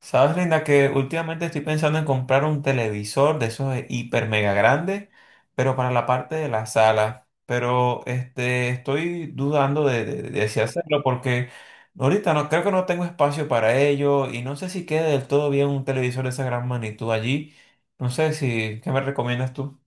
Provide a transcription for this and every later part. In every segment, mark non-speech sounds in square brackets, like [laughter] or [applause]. Sabes, Linda, que últimamente estoy pensando en comprar un televisor de esos de hiper mega grandes, pero para la parte de la sala. Pero estoy dudando de si hacerlo porque ahorita no creo que no tengo espacio para ello y no sé si quede del todo bien un televisor de esa gran magnitud allí. No sé si, ¿qué me recomiendas tú?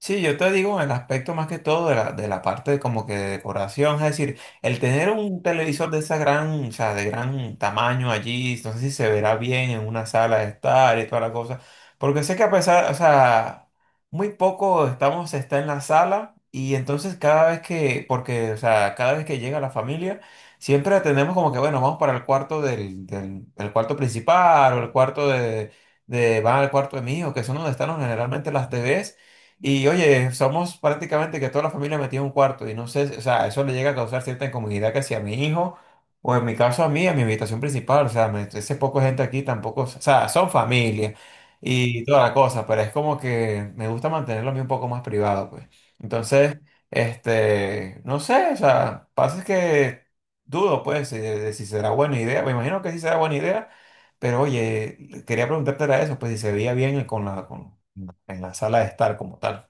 Sí, yo te digo en el aspecto más que todo de de la parte de como que de decoración, es decir, el tener un televisor de esa gran, o sea, de gran tamaño allí, no sé si se verá bien en una sala de estar y toda la cosa, porque sé que a pesar, o sea, muy poco estamos, está en la sala y entonces cada vez que, porque, o sea, cada vez que llega la familia, siempre atendemos como que, bueno, vamos para el cuarto el cuarto principal o el cuarto de, van al cuarto de mi hijo, que son donde están generalmente las TVs. Y oye, somos prácticamente que toda la familia metida en un cuarto y no sé, o sea, eso le llega a causar cierta incomodidad que si a mi hijo o en mi caso a mí, a mi habitación principal, o sea, me, ese poco gente aquí tampoco, o sea, son familia y toda la cosa, pero es como que me gusta mantenerlo a mí un poco más privado, pues. Entonces, no sé, o sea, pasa es que dudo, pues, de si será buena idea, me imagino que sí será buena idea, pero oye, quería preguntarte era eso, pues, si se veía bien con en la sala de estar como tal.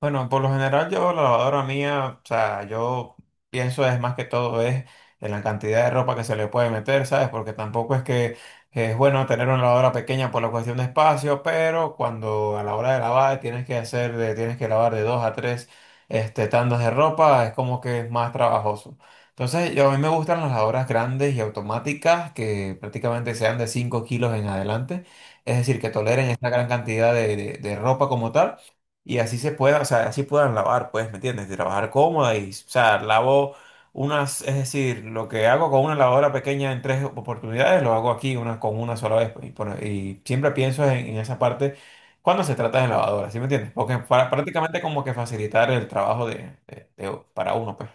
Bueno, por lo general yo la lavadora mía, o sea, yo pienso es más que todo es en la cantidad de ropa que se le puede meter, ¿sabes? Porque tampoco es que es bueno tener una lavadora pequeña por la cuestión de espacio, pero cuando a la hora de lavar tienes que hacer, tienes que lavar de dos a tres tandas de ropa, es como que es más trabajoso. Entonces, yo, a mí me gustan las lavadoras grandes y automáticas que prácticamente sean de 5 kilos en adelante, es decir, que toleren esta gran cantidad de ropa como tal. Y así se pueda, o sea, así puedan lavar, pues, ¿me entiendes? De trabajar cómoda y, o sea, lavo unas, es decir, lo que hago con una lavadora pequeña en tres oportunidades, lo hago aquí una, con una sola vez, pues. Y siempre pienso en esa parte cuando se trata de lavadoras, ¿sí me entiendes? Porque para, prácticamente como que facilitar el trabajo de para uno, pues.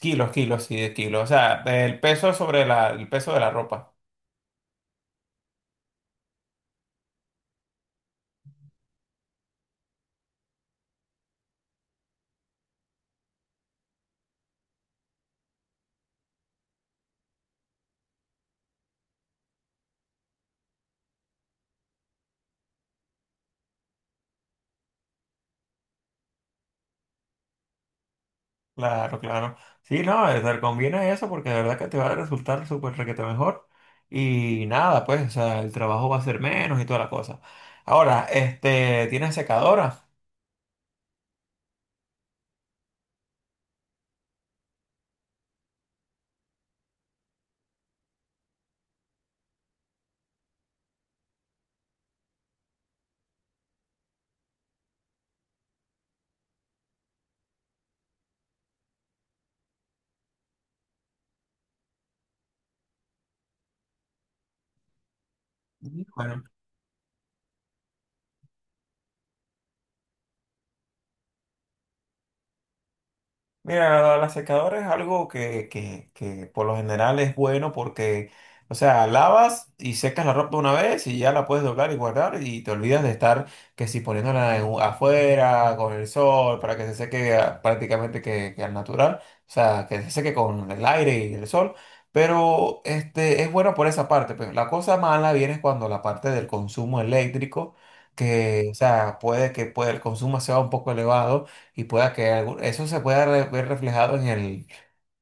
Kilos, kilos y de kilos. O sea, el peso sobre el peso de la ropa. Claro, claro. Sí, no, te conviene eso porque de verdad que te va a resultar súper requete mejor. Y nada, pues, o sea, el trabajo va a ser menos y toda la cosa. Ahora, ¿tienes secadora? Ujú. Bueno. Mira, la secadora es algo que por lo general es bueno porque, o sea, lavas y secas la ropa una vez y ya la puedes doblar y guardar y te olvidas de estar que si poniéndola afuera con el sol para que se seque ah, prácticamente que al natural, o sea, que se seque con el aire y el sol, pero es bueno por esa parte, pero la cosa mala viene cuando la parte del consumo eléctrico, que, o sea, puede, el consumo sea un poco elevado y pueda que eso se pueda ver reflejado en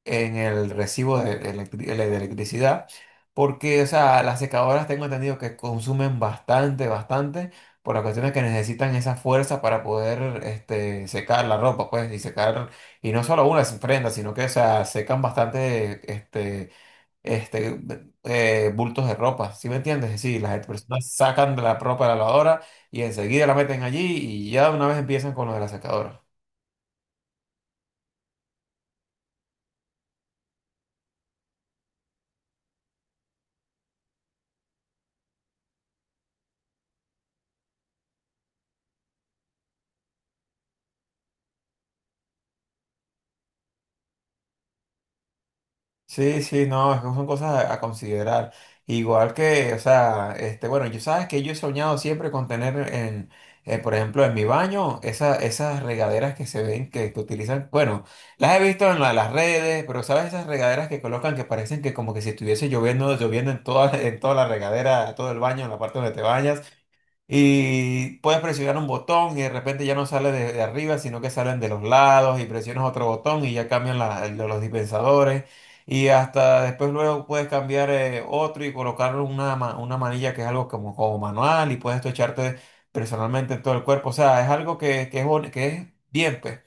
en el recibo de de electricidad, porque o sea, las secadoras tengo entendido que consumen bastante, bastante, por las cuestiones que necesitan esa fuerza para poder secar la ropa, pues, y secar, y no solo una prenda, sino que o sea, secan bastante este, bultos de ropa, ¿sí me entiendes? Sí, las personas sacan de la ropa de la lavadora y enseguida la meten allí y ya de una vez empiezan con lo de la secadora. Sí, sí, no, es que son cosas a considerar. Igual que, o sea, bueno, yo sabes que yo he soñado siempre con tener en, por ejemplo, en mi baño, esas regaderas que se ven, que utilizan, bueno, las he visto en las redes, pero sabes esas regaderas que colocan que parecen que como que si estuviese lloviendo, lloviendo en toda, [laughs] en toda la regadera, todo el baño, en la parte donde te bañas. Y puedes presionar un botón y de repente ya no sale de arriba, sino que salen de los lados y presionas otro botón y ya cambian los dispensadores. Y hasta después luego puedes cambiar otro y colocar una, una manilla que es algo como manual y puedes tú echarte personalmente en todo el cuerpo. O sea, es algo que es, que es bien, pues.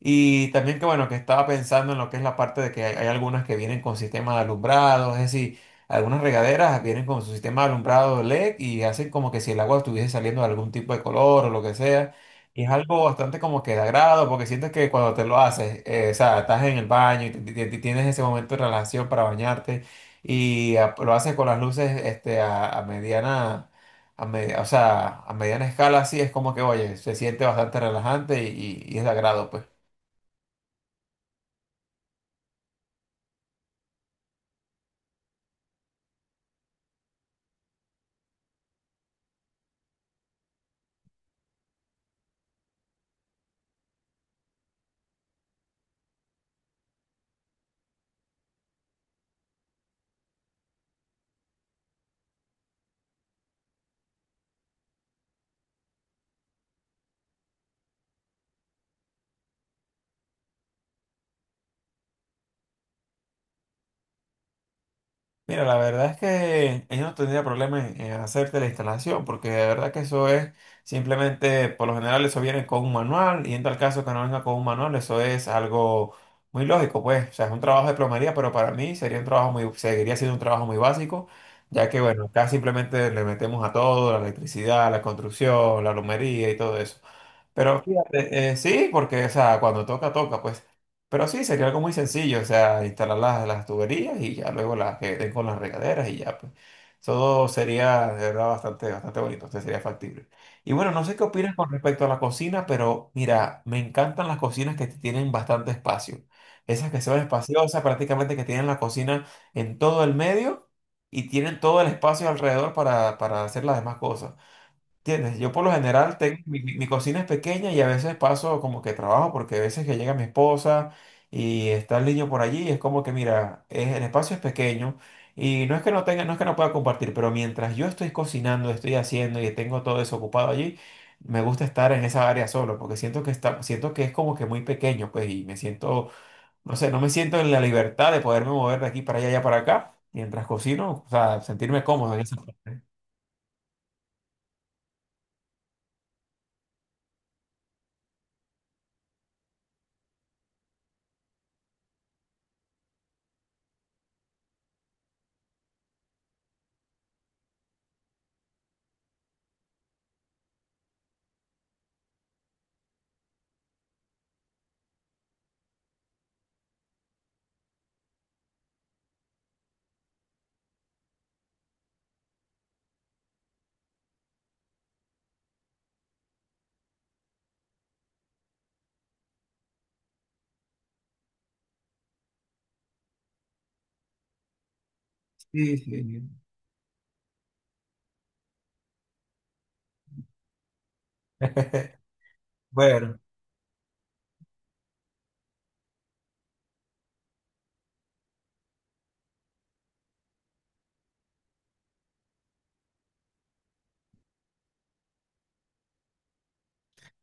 Y también que bueno, que estaba pensando en lo que es la parte de que hay algunas que vienen con sistema de alumbrado, es decir, algunas regaderas vienen con su sistema de alumbrado LED y hacen como que si el agua estuviese saliendo de algún tipo de color o lo que sea. Y es algo bastante como que de agrado porque sientes que cuando te lo haces, o sea, estás en el baño y tienes ese momento de relajación para bañarte y ah, lo haces con las luces a mediana o sea, a mediana escala, así es como que, oye, se siente bastante relajante y es de agrado, pues. Mira, la verdad es que ellos no tendría problema en hacerte la instalación, porque de verdad que eso es simplemente, por lo general, eso viene con un manual, y en tal caso que no venga con un manual, eso es algo muy lógico, pues. O sea, es un trabajo de plomería, pero para mí sería un trabajo muy, seguiría siendo un trabajo muy básico, ya que, bueno, acá simplemente le metemos a todo, la electricidad, la construcción, la plomería y todo eso. Pero fíjate, sí, porque, o sea, cuando toca, toca, pues. Pero sí, sería algo muy sencillo, o sea, instalar las tuberías y ya luego las que den con las regaderas y ya, pues. Todo sería, de verdad, bastante, bastante bonito, entonces sería factible. Y bueno, no sé qué opinas con respecto a la cocina, pero mira, me encantan las cocinas que tienen bastante espacio. Esas que son espaciosas, prácticamente que tienen la cocina en todo el medio y tienen todo el espacio alrededor para hacer las demás cosas. ¿Entiendes? Yo por lo general tengo, mi cocina es pequeña y a veces paso como que trabajo porque a veces que llega mi esposa y está el niño por allí, es como que mira, el espacio es pequeño y no es que no tenga, no es que no pueda compartir, pero mientras yo estoy cocinando, estoy haciendo y tengo todo eso ocupado allí, me gusta estar en esa área solo porque siento que está, siento que es como que muy pequeño, pues y me siento, no sé, no me siento en la libertad de poderme mover de aquí para allá, allá para acá, mientras cocino, o sea, sentirme cómodo en esa parte. Sí, sí. Bueno.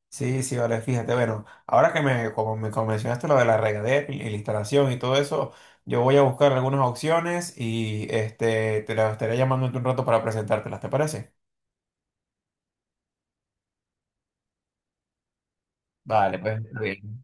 Sí, sí, vale, fíjate, bueno, ahora que me como mencionaste lo de la regadera y la instalación y todo eso, yo voy a buscar algunas opciones y te las estaré llamando en un rato para presentártelas, ¿te parece? Vale, pues, está bien.